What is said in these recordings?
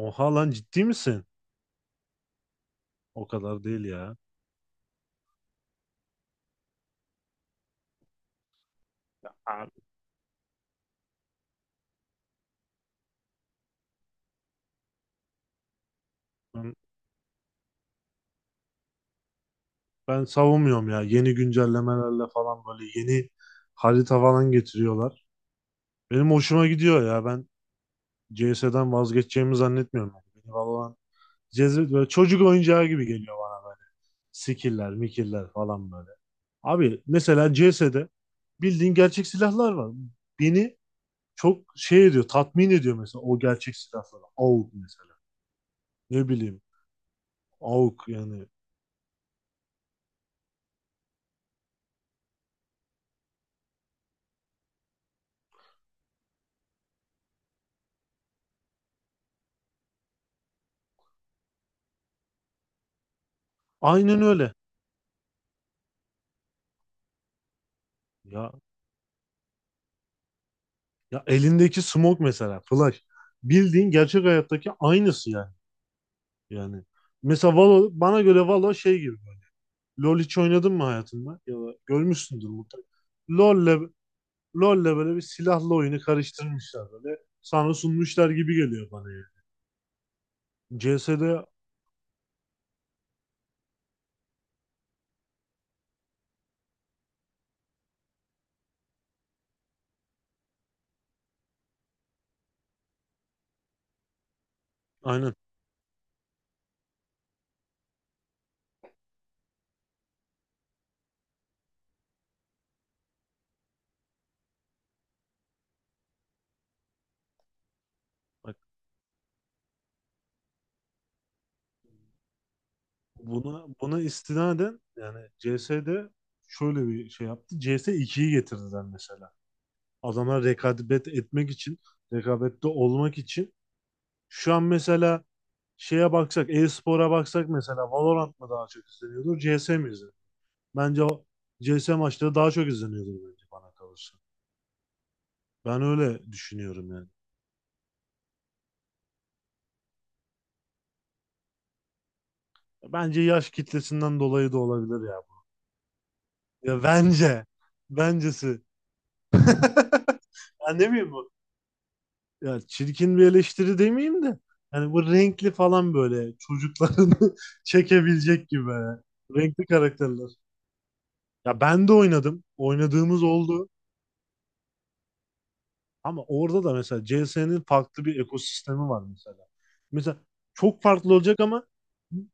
Oha lan ciddi misin? O kadar değil ya. Abi, Ben, ben savunmuyorum ya. Yeni güncellemelerle falan böyle yeni harita falan getiriyorlar. Benim hoşuma gidiyor ya. Ben CS'den vazgeçeceğimi zannetmiyorum. Yani. Beni Valorant cezbet böyle çocuk oyuncağı gibi geliyor bana böyle. Skill'ler, mikiller falan böyle. Abi mesela CS'de bildiğin gerçek silahlar var. Beni çok şey ediyor, tatmin ediyor mesela o gerçek silahlar. AUG mesela. Ne bileyim. AUG yani. Aynen öyle. Ya ya elindeki smoke mesela flash. Bildiğin gerçek hayattaki aynısı yani. Yani mesela Valo bana göre Valo şey gibi böyle. LoL hiç oynadın mı hayatında? Ya da görmüşsündür mutlaka. LoL'le LoL'le böyle bir silahlı oyunu karıştırmışlar böyle. Sana sunmuşlar gibi geliyor bana yani. CS'de aynen. Bak buna istinaden yani CS'de şöyle bir şey yaptı. CS ikiyi getirdiler mesela. Adamlar rekabet etmek için, rekabette olmak için. Şu an mesela şeye baksak, e-spora baksak mesela Valorant mı daha çok izleniyordur, CS mi izleniyor? Bence o CS maçları daha çok izleniyordur bence bana kalırsa. Ben öyle düşünüyorum yani. Bence yaş kitlesinden dolayı da olabilir ya, bu. Ya bence. Bencesi. Ben ne bileyim bu? Ya çirkin bir eleştiri demeyeyim de. Yani bu renkli falan böyle çocuklarını çekebilecek gibi. Renkli karakterler. Ya ben de oynadım. Oynadığımız oldu. Ama orada da mesela CS'nin farklı bir ekosistemi var mesela. Mesela çok farklı olacak ama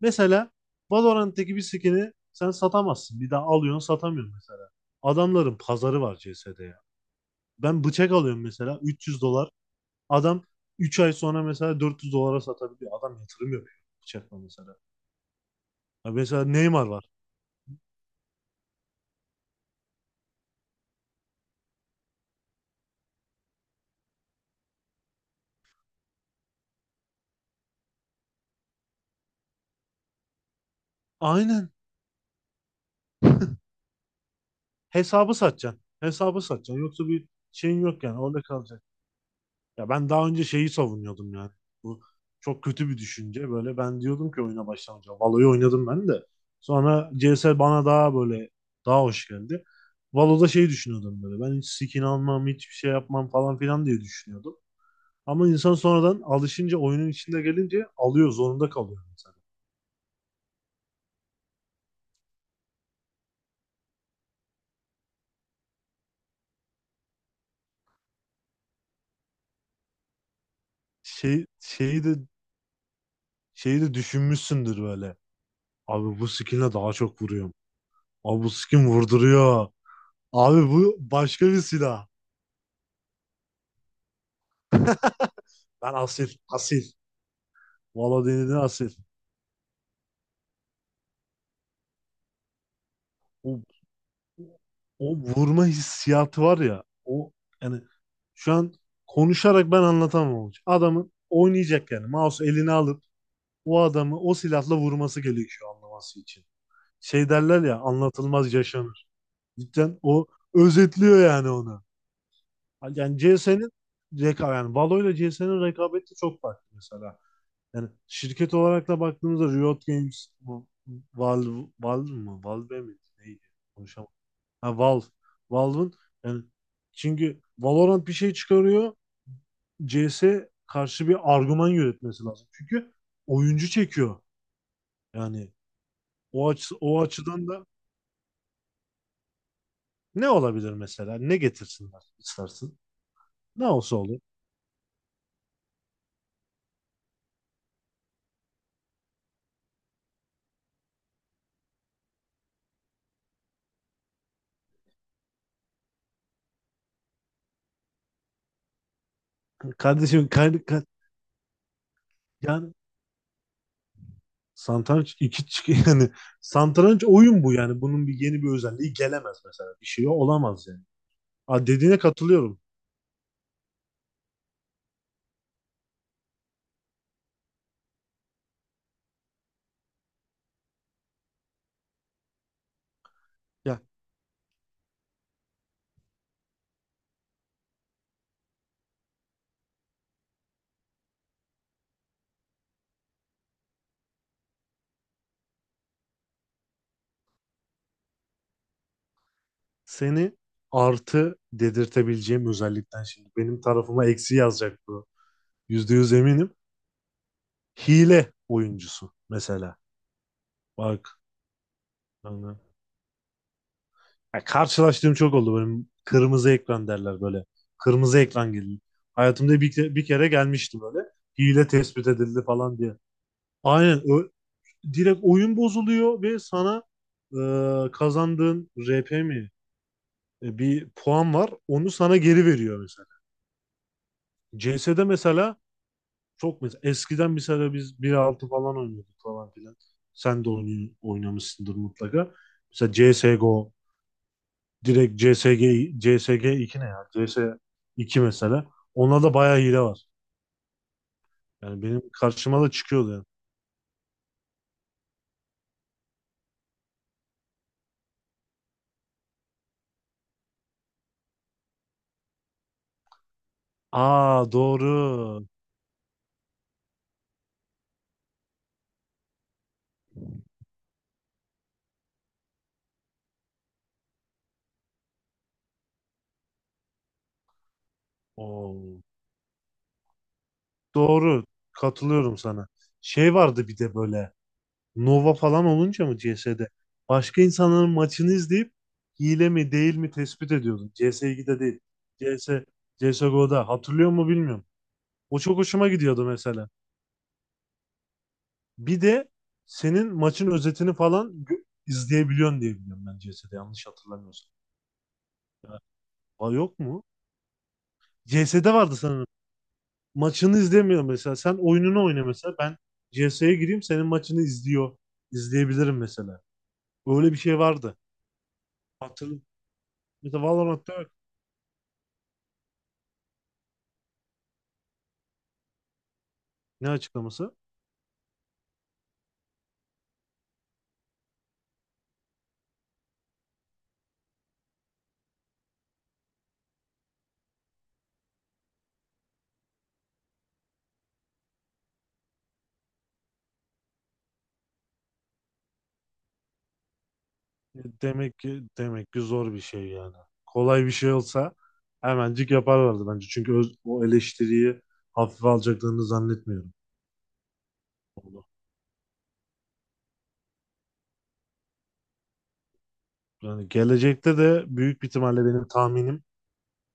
mesela Valorant'taki bir skin'i sen satamazsın. Bir daha alıyorsun satamıyorsun mesela. Adamların pazarı var CS'de ya. Ben bıçak alıyorum mesela 300 dolar. Adam 3 ay sonra mesela 400 dolara satabiliyor. Adam yatırım yapıyor bıçakla mesela. Ya mesela Neymar var. Aynen. Hesabı satacaksın. Hesabı satacaksın. Yoksa bir şeyin yok yani. Orada kalacak. Ya ben daha önce şeyi savunuyordum yani. Bu çok kötü bir düşünce. Böyle ben diyordum ki oyuna başlamayacağım. Valo'yu oynadım ben de. Sonra CS bana daha böyle daha hoş geldi. Valo'da şey düşünüyordum böyle. Ben hiç skin almam, hiçbir şey yapmam falan filan diye düşünüyordum. Ama insan sonradan alışınca oyunun içinde gelince alıyor, zorunda kalıyor mesela. Şey, şeyi de düşünmüşsündür böyle. Abi bu skinle daha çok vuruyorum. Abi bu skin vurduruyor. Abi bu başka bir silah. Ben asil, asil. Valla denedin Asil. O, o vurma hissiyatı var ya. O yani şu an konuşarak ben anlatamam olacak. Adamın oynayacak yani. Mouse eline alıp o adamı o silahla vurması gerekiyor anlaması için. Şey derler ya, anlatılmaz yaşanır. Cidden o özetliyor yani onu. Yani CS'nin rekabet yani Valo ile C S'nin rekabeti çok farklı mesela. Yani şirket olarak da baktığımızda Riot Games bu Valve Valve mı? Valve mi? Neydi? Konuşamadım. Ha, Valve. Valve'ın yani çünkü Valorant bir şey çıkarıyor. CS karşı bir argüman yönetmesi lazım. Çünkü oyuncu çekiyor. Yani o açıdan da ne olabilir mesela? Ne getirsinler istersin? Ne olsa olur. Kardeşim yani satranç iki çık yani satranç oyun bu yani bunun bir yeni bir özelliği gelemez mesela. Bir şey olamaz yani. Aa, dediğine katılıyorum. Ya seni artı dedirtebileceğim özellikten şimdi. Benim tarafıma eksi yazacak bu. %100 eminim. Hile oyuncusu mesela. Bak. Yani, ya karşılaştığım çok oldu. Benim kırmızı ekran derler böyle. Kırmızı ekran geliyor. Hayatımda bir kere gelmişti böyle. Hile tespit edildi falan diye. Aynen. Direkt oyun bozuluyor ve sana kazandığın RP mi, bir puan var. Onu sana geri veriyor mesela. CS'de mesela. Çok mesela eskiden mesela biz bir altı falan oynuyorduk falan filan. Sen de oynuyor, oynamışsındır mutlaka. Mesela CSGO, direkt CSG 2 ne ya? CS iki mesela. Onda da bayağı hile var. Yani benim karşıma da çıkıyordu yani. Aa, doğru. Oo, doğru. Katılıyorum sana. Şey vardı bir de böyle. Nova falan olunca mı CS'de? Başka insanların maçını izleyip hile mi değil mi tespit ediyordum. CS2'de değil. CS, CSGO'da. Hatırlıyor mu bilmiyorum. O çok hoşuma gidiyordu mesela. Bir de senin maçın özetini falan izleyebiliyorsun diye biliyorum ben, CS'de yanlış hatırlamıyorsam. Aa, yok mu? CS'de vardı sanırım. Maçını izlemiyor mesela. Sen oyununu oyna mesela. Ben CS'ye gireyim, senin maçını izliyor. İzleyebilirim mesela. Öyle bir şey vardı. Hatırlıyorum. Mesela Valorant'ta ne açıklaması? Demek ki zor bir şey yani. Kolay bir şey olsa hemencik yaparlardı bence. Çünkü o eleştiriyi hafife alacaklarını zannetmiyorum. Onu. Yani gelecekte de büyük bir ihtimalle benim tahminim,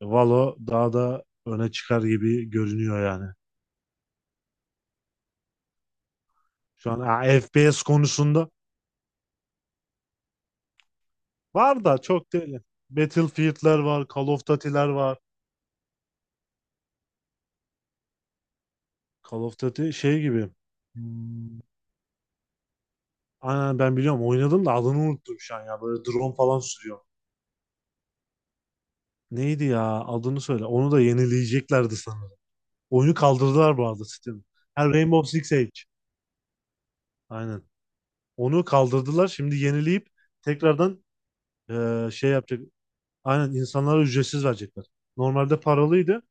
Valo daha da öne çıkar gibi görünüyor yani. Şu an ha, FPS konusunda var da çok değil. Battlefield'ler var, Call of Duty'ler var. Call of Duty şey gibi. Hmm, Aynen, ben biliyorum, oynadım da adını unuttum şu an ya. Böyle drone falan sürüyor. Neydi ya? Adını söyle. Onu da yenileyeceklerdi sanırım. Oyunu kaldırdılar bu arada Steam. Ha, Rainbow Six Siege. Aynen. Onu kaldırdılar. Şimdi yenileyip tekrardan şey yapacak. Aynen, insanlara ücretsiz verecekler. Normalde paralıydı.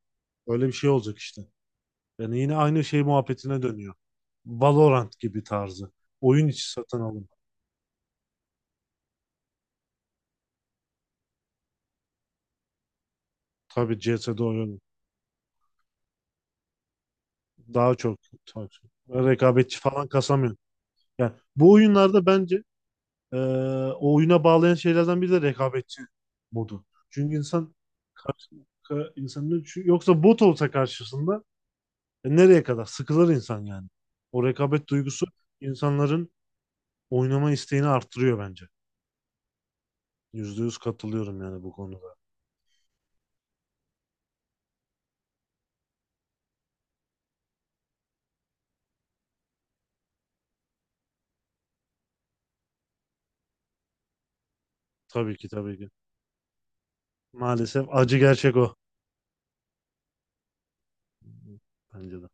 Öyle bir şey olacak işte. Yani yine aynı şey muhabbetine dönüyor. Valorant gibi tarzı. Oyun içi satın alın. Tabii CS:GO oyunu. Daha çok. Daha çok. Rekabetçi falan kasamıyor. Yani bu oyunlarda bence, Ee, o oyuna bağlayan şeylerden biri de rekabetçi modu. Çünkü insan karşı insanın çünkü, yoksa bot olsa karşısında nereye kadar sıkılır insan yani. O rekabet duygusu insanların oynama isteğini arttırıyor bence. Yüzde yüz katılıyorum yani bu konuda. Tabii ki tabii ki. Maalesef acı gerçek o. Bence de.